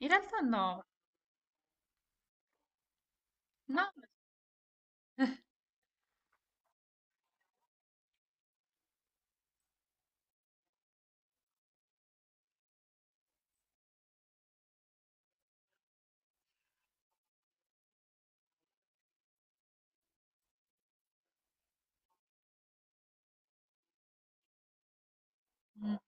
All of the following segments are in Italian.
In realtà no, no. Mm.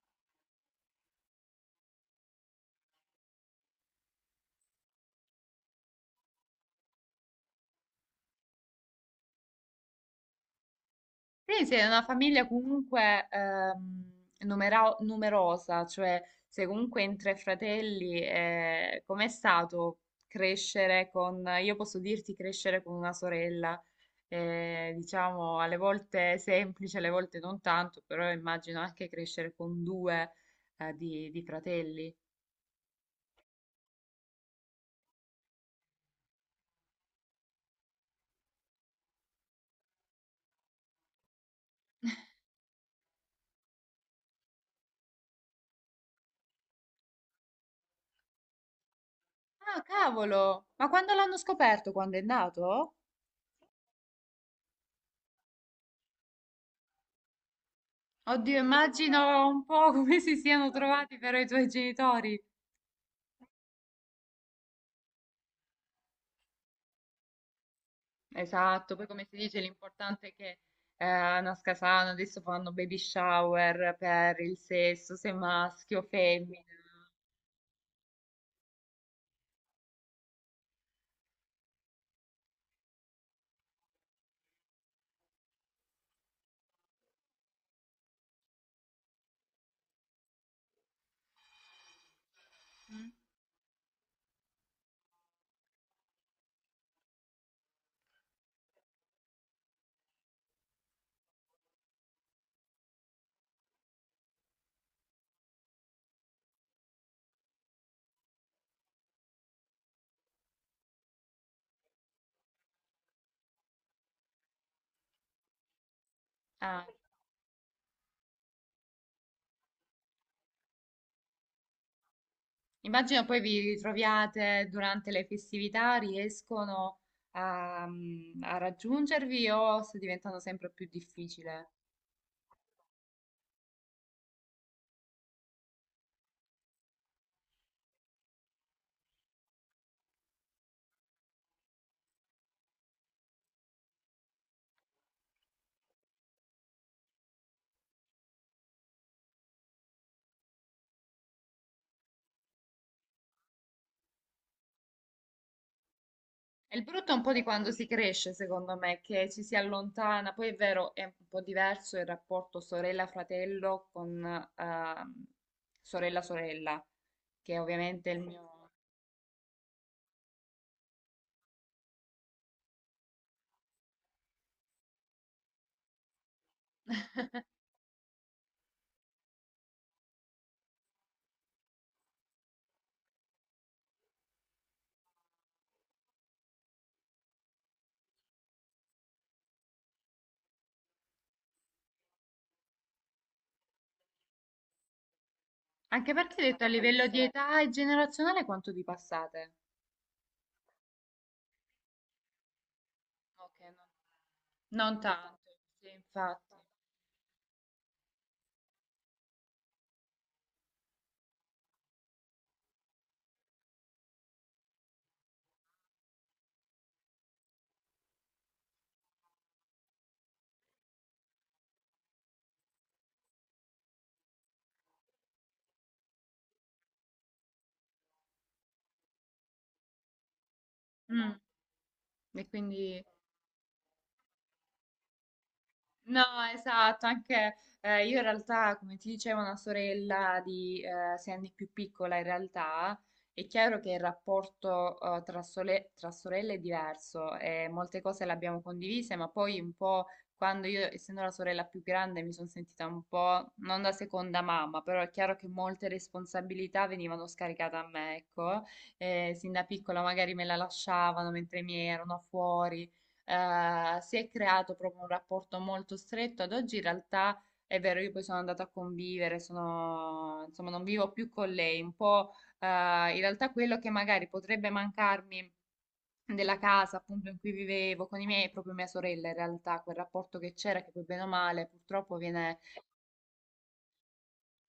Quindi sei una famiglia comunque numerosa, cioè sei comunque in tre fratelli, com'è stato crescere con, io posso dirti crescere con una sorella, diciamo alle volte semplice, alle volte non tanto, però immagino anche crescere con due di fratelli. Ah, cavolo! Ma quando l'hanno scoperto? Quando è nato? Oddio, immagino un po' come si siano trovati però i tuoi genitori. Esatto, poi come si dice, l'importante è che eh, nasca sano, adesso fanno baby shower per il sesso, se maschio o femmina. Ah, immagino poi vi ritroviate durante le festività, riescono a raggiungervi o sta diventando sempre più difficile? È il brutto è un po' di quando si cresce, secondo me, che ci si allontana. Poi è vero, è un po' diverso il rapporto sorella-fratello con ehm, sorella-sorella, che ovviamente è il mio... Anche perché, detto a livello di età e generazionale, quanto vi passate? Non tanto, sì, infatti. Mm. E quindi... No, esatto, anche io in realtà, come ti dicevo, una sorella di 6 anni più piccola in realtà, è chiaro che il rapporto tra sorelle è diverso e molte cose le abbiamo condivise, ma poi un po' quando io, essendo la sorella più grande, mi sono sentita un po' non da seconda mamma, però è chiaro che molte responsabilità venivano scaricate a me, ecco. Sin da piccola magari me la lasciavano mentre mi erano fuori, si è creato proprio un rapporto molto stretto. Ad oggi in realtà è vero, io poi sono andata a convivere, sono, insomma, non vivo più con lei, un po' eh, in realtà quello che magari potrebbe mancarmi della casa appunto in cui vivevo con i miei, è proprio mia sorella in realtà, quel rapporto che c'era, che poi bene o male purtroppo viene...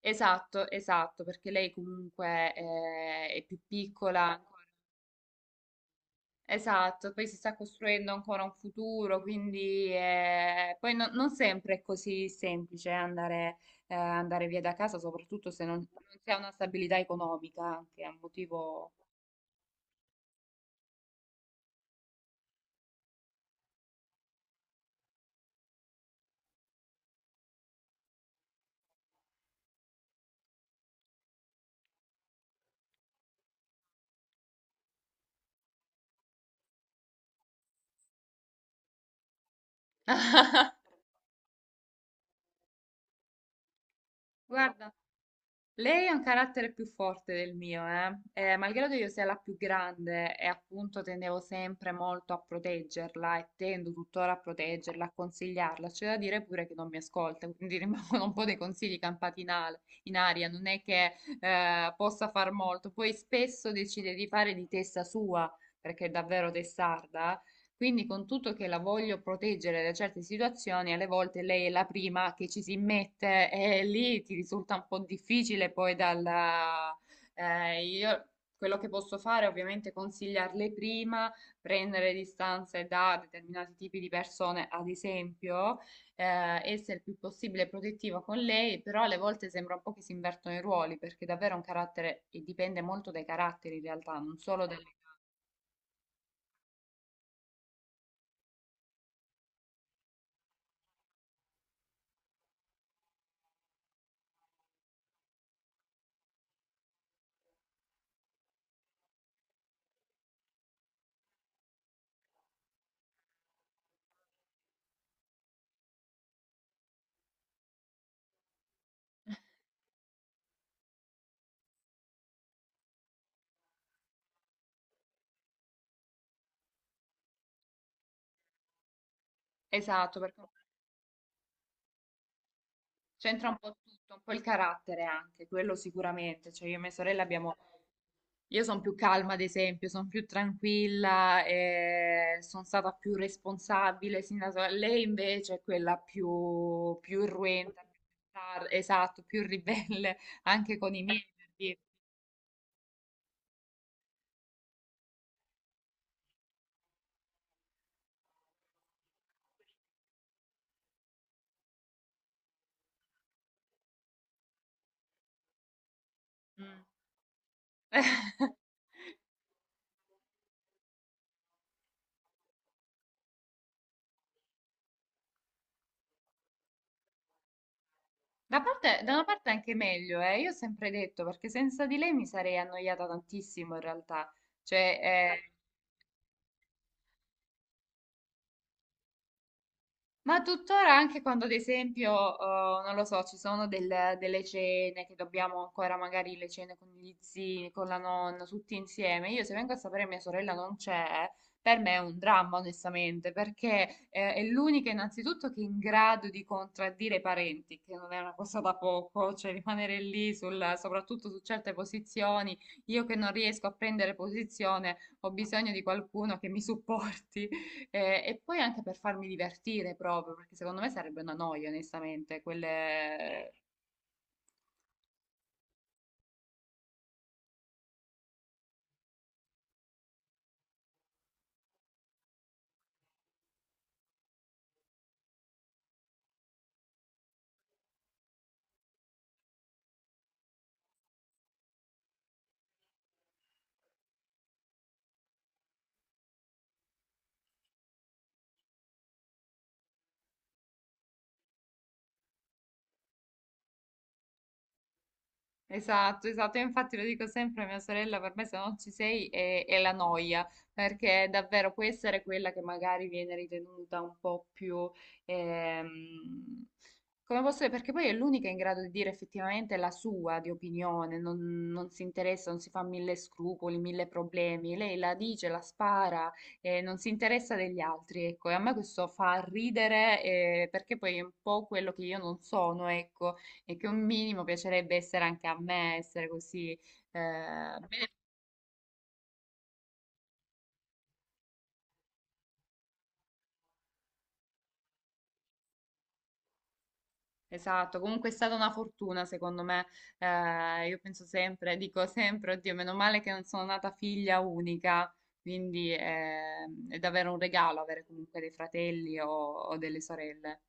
Esatto, esatto, perché lei comunque è più piccola ancora. Esatto, poi si sta costruendo ancora un futuro, quindi poi non sempre è così semplice andare, andare via da casa, soprattutto se non si ha una stabilità economica, che è un motivo... Guarda, lei ha un carattere più forte del mio, eh? Malgrado io sia la più grande e appunto tendevo sempre molto a proteggerla e tendo tuttora a proteggerla, a consigliarla, c'è da dire pure che non mi ascolta, quindi rimangono un po' dei consigli campati in aria, non è che possa far molto, poi spesso decide di fare di testa sua, perché è davvero testarda, quindi con tutto che la voglio proteggere da certe situazioni, alle volte lei è la prima che ci si mette e lì ti risulta un po' difficile poi dalla... Io quello che posso fare è ovviamente consigliarle prima, prendere distanze da determinati tipi di persone, ad esempio, essere il più possibile protettiva con lei, però alle volte sembra un po' che si invertono i ruoli, perché davvero un carattere e dipende molto dai caratteri in realtà, non solo dalle... Esatto, perché c'entra un po' tutto, un po' il carattere anche, quello sicuramente. Cioè io e mia sorella abbiamo... Io sono più calma, ad esempio, sono più tranquilla, e sono stata più responsabile sin da sola. Lei invece è quella più, più irruenta, più esatto, più ribelle, anche con i miei, per dire. Mm. Da da una parte è anche meglio, eh. Io ho sempre detto, perché senza di lei mi sarei annoiata tantissimo in realtà. Cioè, eh, ma tuttora anche quando, ad esempio, non lo so, ci sono delle cene che dobbiamo ancora magari le cene con gli zii, con la nonna, tutti insieme. Io se vengo a sapere mia sorella non c'è, per me è un dramma, onestamente, perché è l'unica innanzitutto che è in grado di contraddire i parenti, che non è una cosa da poco, cioè rimanere lì soprattutto su certe posizioni. Io che non riesco a prendere posizione, ho bisogno di qualcuno che mi supporti. E poi anche per farmi divertire proprio, perché secondo me sarebbe una noia, onestamente, quelle... Esatto, esatto, io infatti lo dico sempre a mia sorella, per me se non ci sei è la noia, perché davvero può essere quella che magari viene ritenuta un po' più, ehm, come posso dire, perché poi è l'unica in grado di dire effettivamente la sua di opinione, non si interessa, non si fa mille scrupoli, mille problemi, lei la dice, la spara, non si interessa degli altri, ecco, e a me questo fa ridere, perché poi è un po' quello che io non sono, ecco, e che un minimo piacerebbe essere anche a me, essere così. Eh, bene. Esatto, comunque è stata una fortuna secondo me. Io penso sempre, dico sempre, oddio, meno male che non sono nata figlia unica, quindi è davvero un regalo avere comunque dei fratelli o delle sorelle.